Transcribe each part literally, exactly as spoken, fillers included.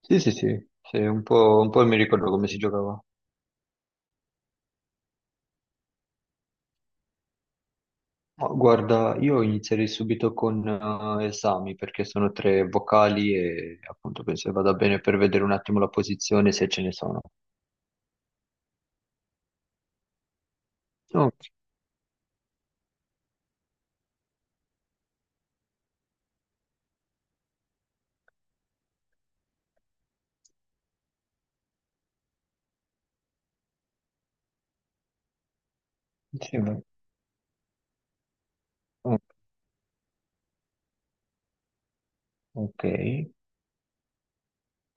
Sì, sì, sì, sì, un po', un po' mi ricordo come si giocava. Ma guarda, io inizierei subito con eh, esami, perché sono tre vocali e appunto penso che vada bene per vedere un attimo la posizione, se ce ne sono. Ok, sì, va- o- ok.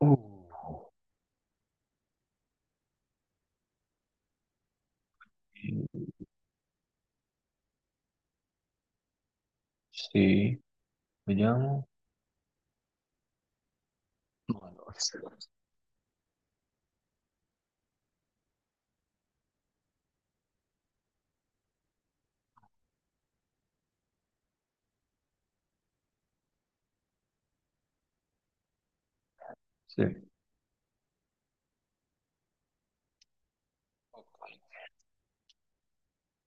Uh, sì, vediamo. No, no, sì. Sì,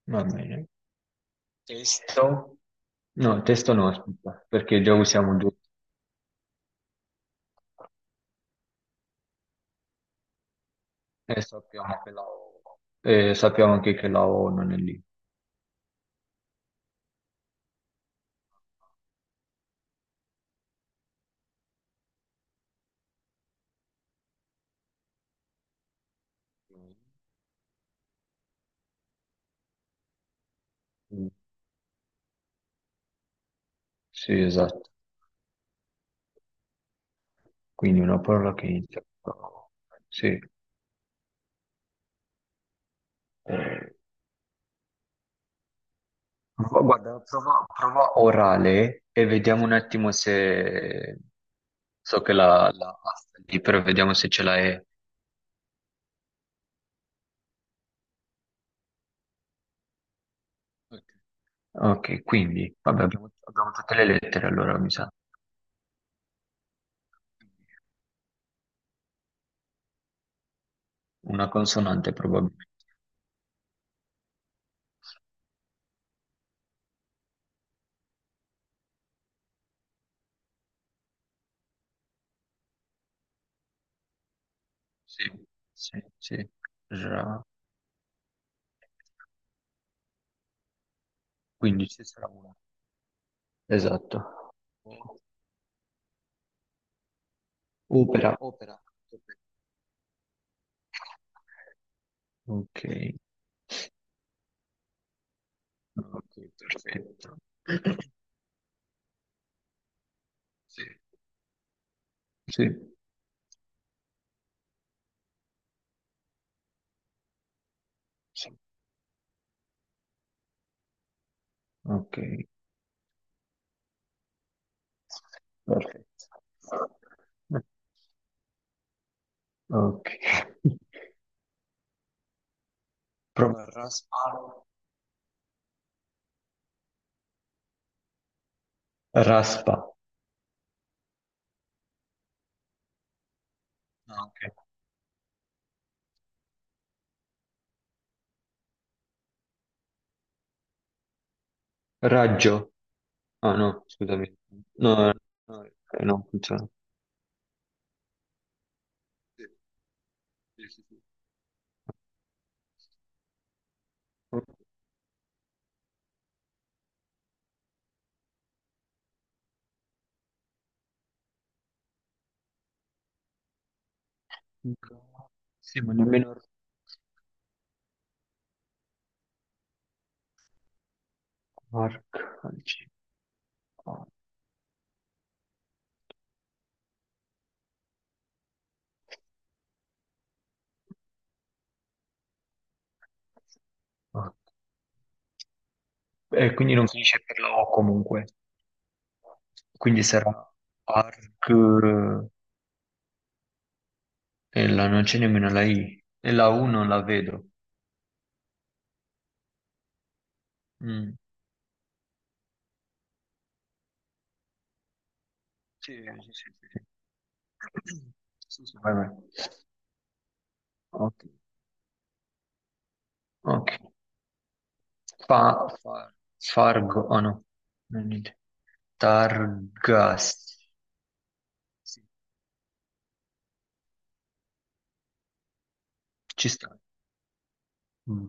va bene. Testo? No, testo no, aspetta, perché già usiamo due e sappiamo che la O. E sappiamo anche che la O non è lì. Mm. Sì, esatto. Quindi una parola che inizia. con- Sì. Eh, prova- guarda, prova, prova orale e vediamo un attimo se... So che la, la lì, però vediamo se ce la è. Ok. Ok, quindi, vabbè, abbiamo, abbiamo tutte le lettere allora, mi sa. Una consonante probabilmente. Sì, sì, sì. Ra. Quindi ci sarà una. Esatto. O- Opera. Opera. Opera. Ok, ok, perfetto. Sì, sì, sì. Ok, perfetto. Ok. Prova raspa. Raspa. Ah, ok. Raggio. Ah no, scusami. No, no, no, eh, no, non funziona. Sì, sì, sì, sì. Ok. Sì, ma nemmeno arcalci. Ah. Ah. E quindi non finisce per la O comunque. Quindi sarà A R C, eh, e la, non c'è nemmeno la I e la U non la vedo. Mm. Sì, sì, sì, sì. Sì, sì, sì, vai, vai. Ok, ok. Fa, far- fargo, oh no, non niente. Targas, sì, ci sta. Mm.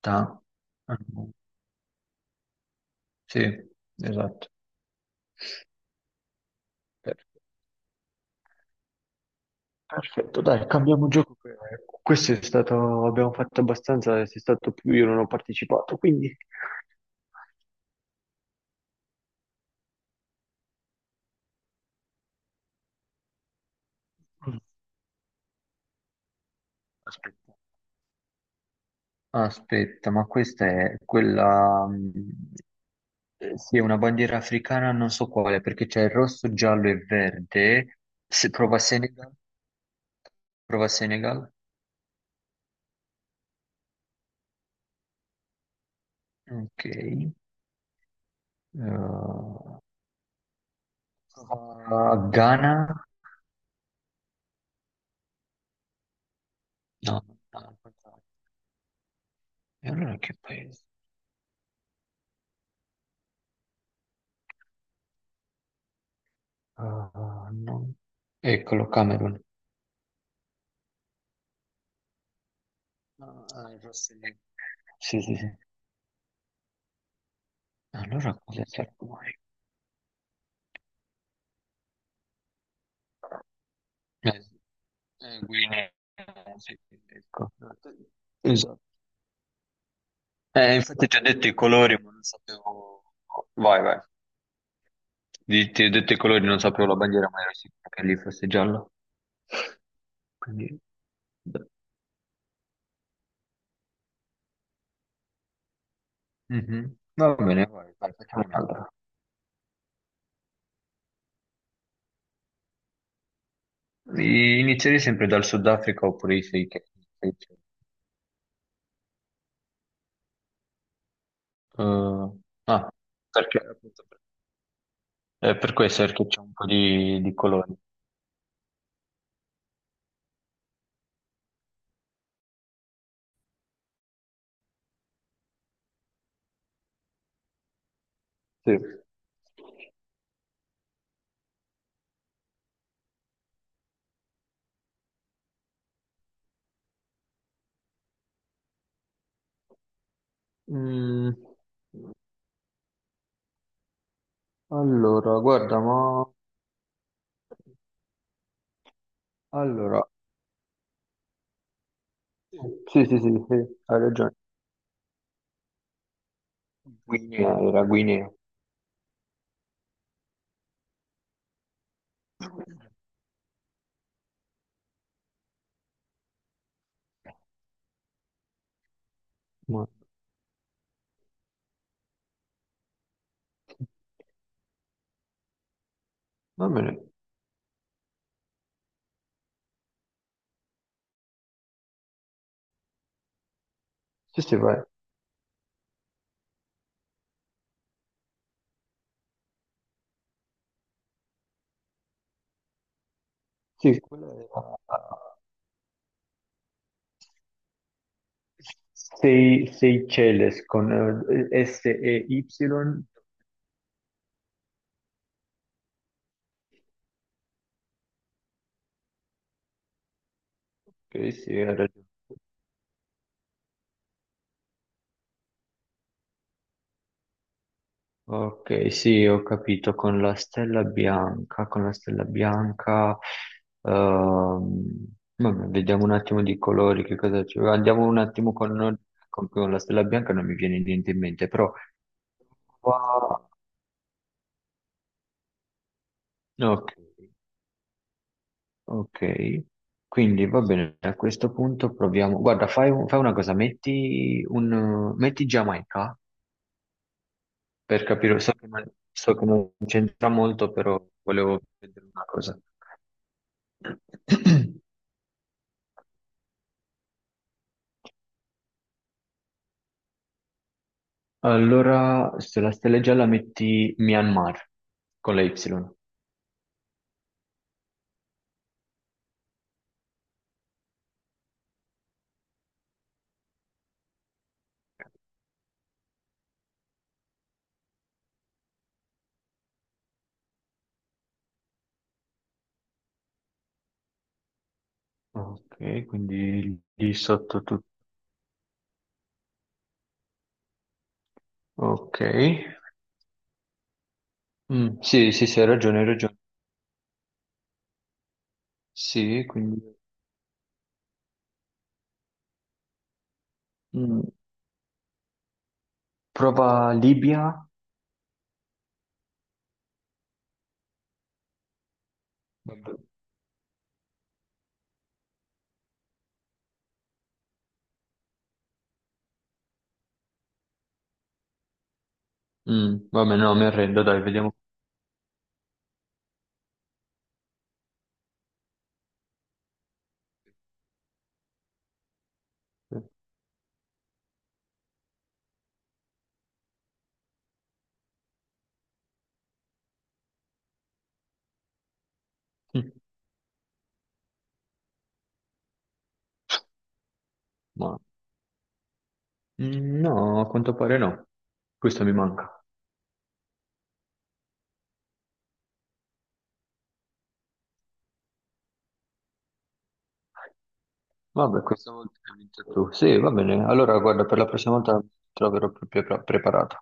Ta- ah, no. Sì, esatto. Perfetto, dai, cambiamo gioco. Che questo è stato, abbiamo fatto abbastanza, sei stato più, io non ho partecipato, quindi... Mm. Aspetta. Aspetta, ma questa è quella... mm, eh, sì, è una bandiera africana, non so quale, perché c'è il rosso, giallo e verde. Se prova Senegal, prova Senegal. Ok. Eh, prova Ghana. No, no, al contrario. E allora che paese? Ah, no. Eccolo, Camerun. Ah, ah, forse lì. Sì, sì, sì. Allora cosa c'è poi? Eh, eh, Guinea, sì, ecco. No, te- esatto. Eh, infatti ti ho detto i colori, ma non sapevo... Vai, vai. Di- Ti ho detto i colori, non sapevo la bandiera, ma ero sicuro che lì fosse giallo. Quindi... beh. Mhm. Va bene, vai, vai, facciamo un'altra. I- Inizierei sempre dal Sudafrica oppure i sei che... Eh, ah, perché appunto per eh, per questo, perché c'è un po' di, di colori. Sì. Mm, allora, guarda, ma... Allora, sì, sì, sì, sì, sì, hai ragione. Guinea era Guinea. Ma- va bene, sì, sì, vai. Sì, quella era... Sei, sei Celes con eh, S-E-Y. Ok, sì, hai ragione. Ok, sì, ho capito, con la stella bianca, con la stella bianca, ehm, vabbè, vediamo un attimo di colori, che cosa ci... Andiamo un attimo con, con- con la stella bianca, non mi viene niente in mente, però... qua- Ok, ok, quindi va bene, a questo punto proviamo... Guarda, fai, un- fai una cosa, metti, un, metti Giamaica, per capire, so che, non- so che non c'entra molto, però volevo vedere una cosa. Allora, sulla stella gialla metti Myanmar con la Y. Ok, quindi lì sotto tutto. Ok. Mm, sì, sì, sì, hai ragione, hai ragione. Sì, quindi mm, prova Libia. Vabbè. Mm, vabbè, no, mi arrendo, dai, vediamo. Mm, ma- mm, no, a quanto pare no. Questo mi manca. Vabbè, questo tu. Sì, va bene. Allora, guarda, per la prossima volta troverò più pre- preparato.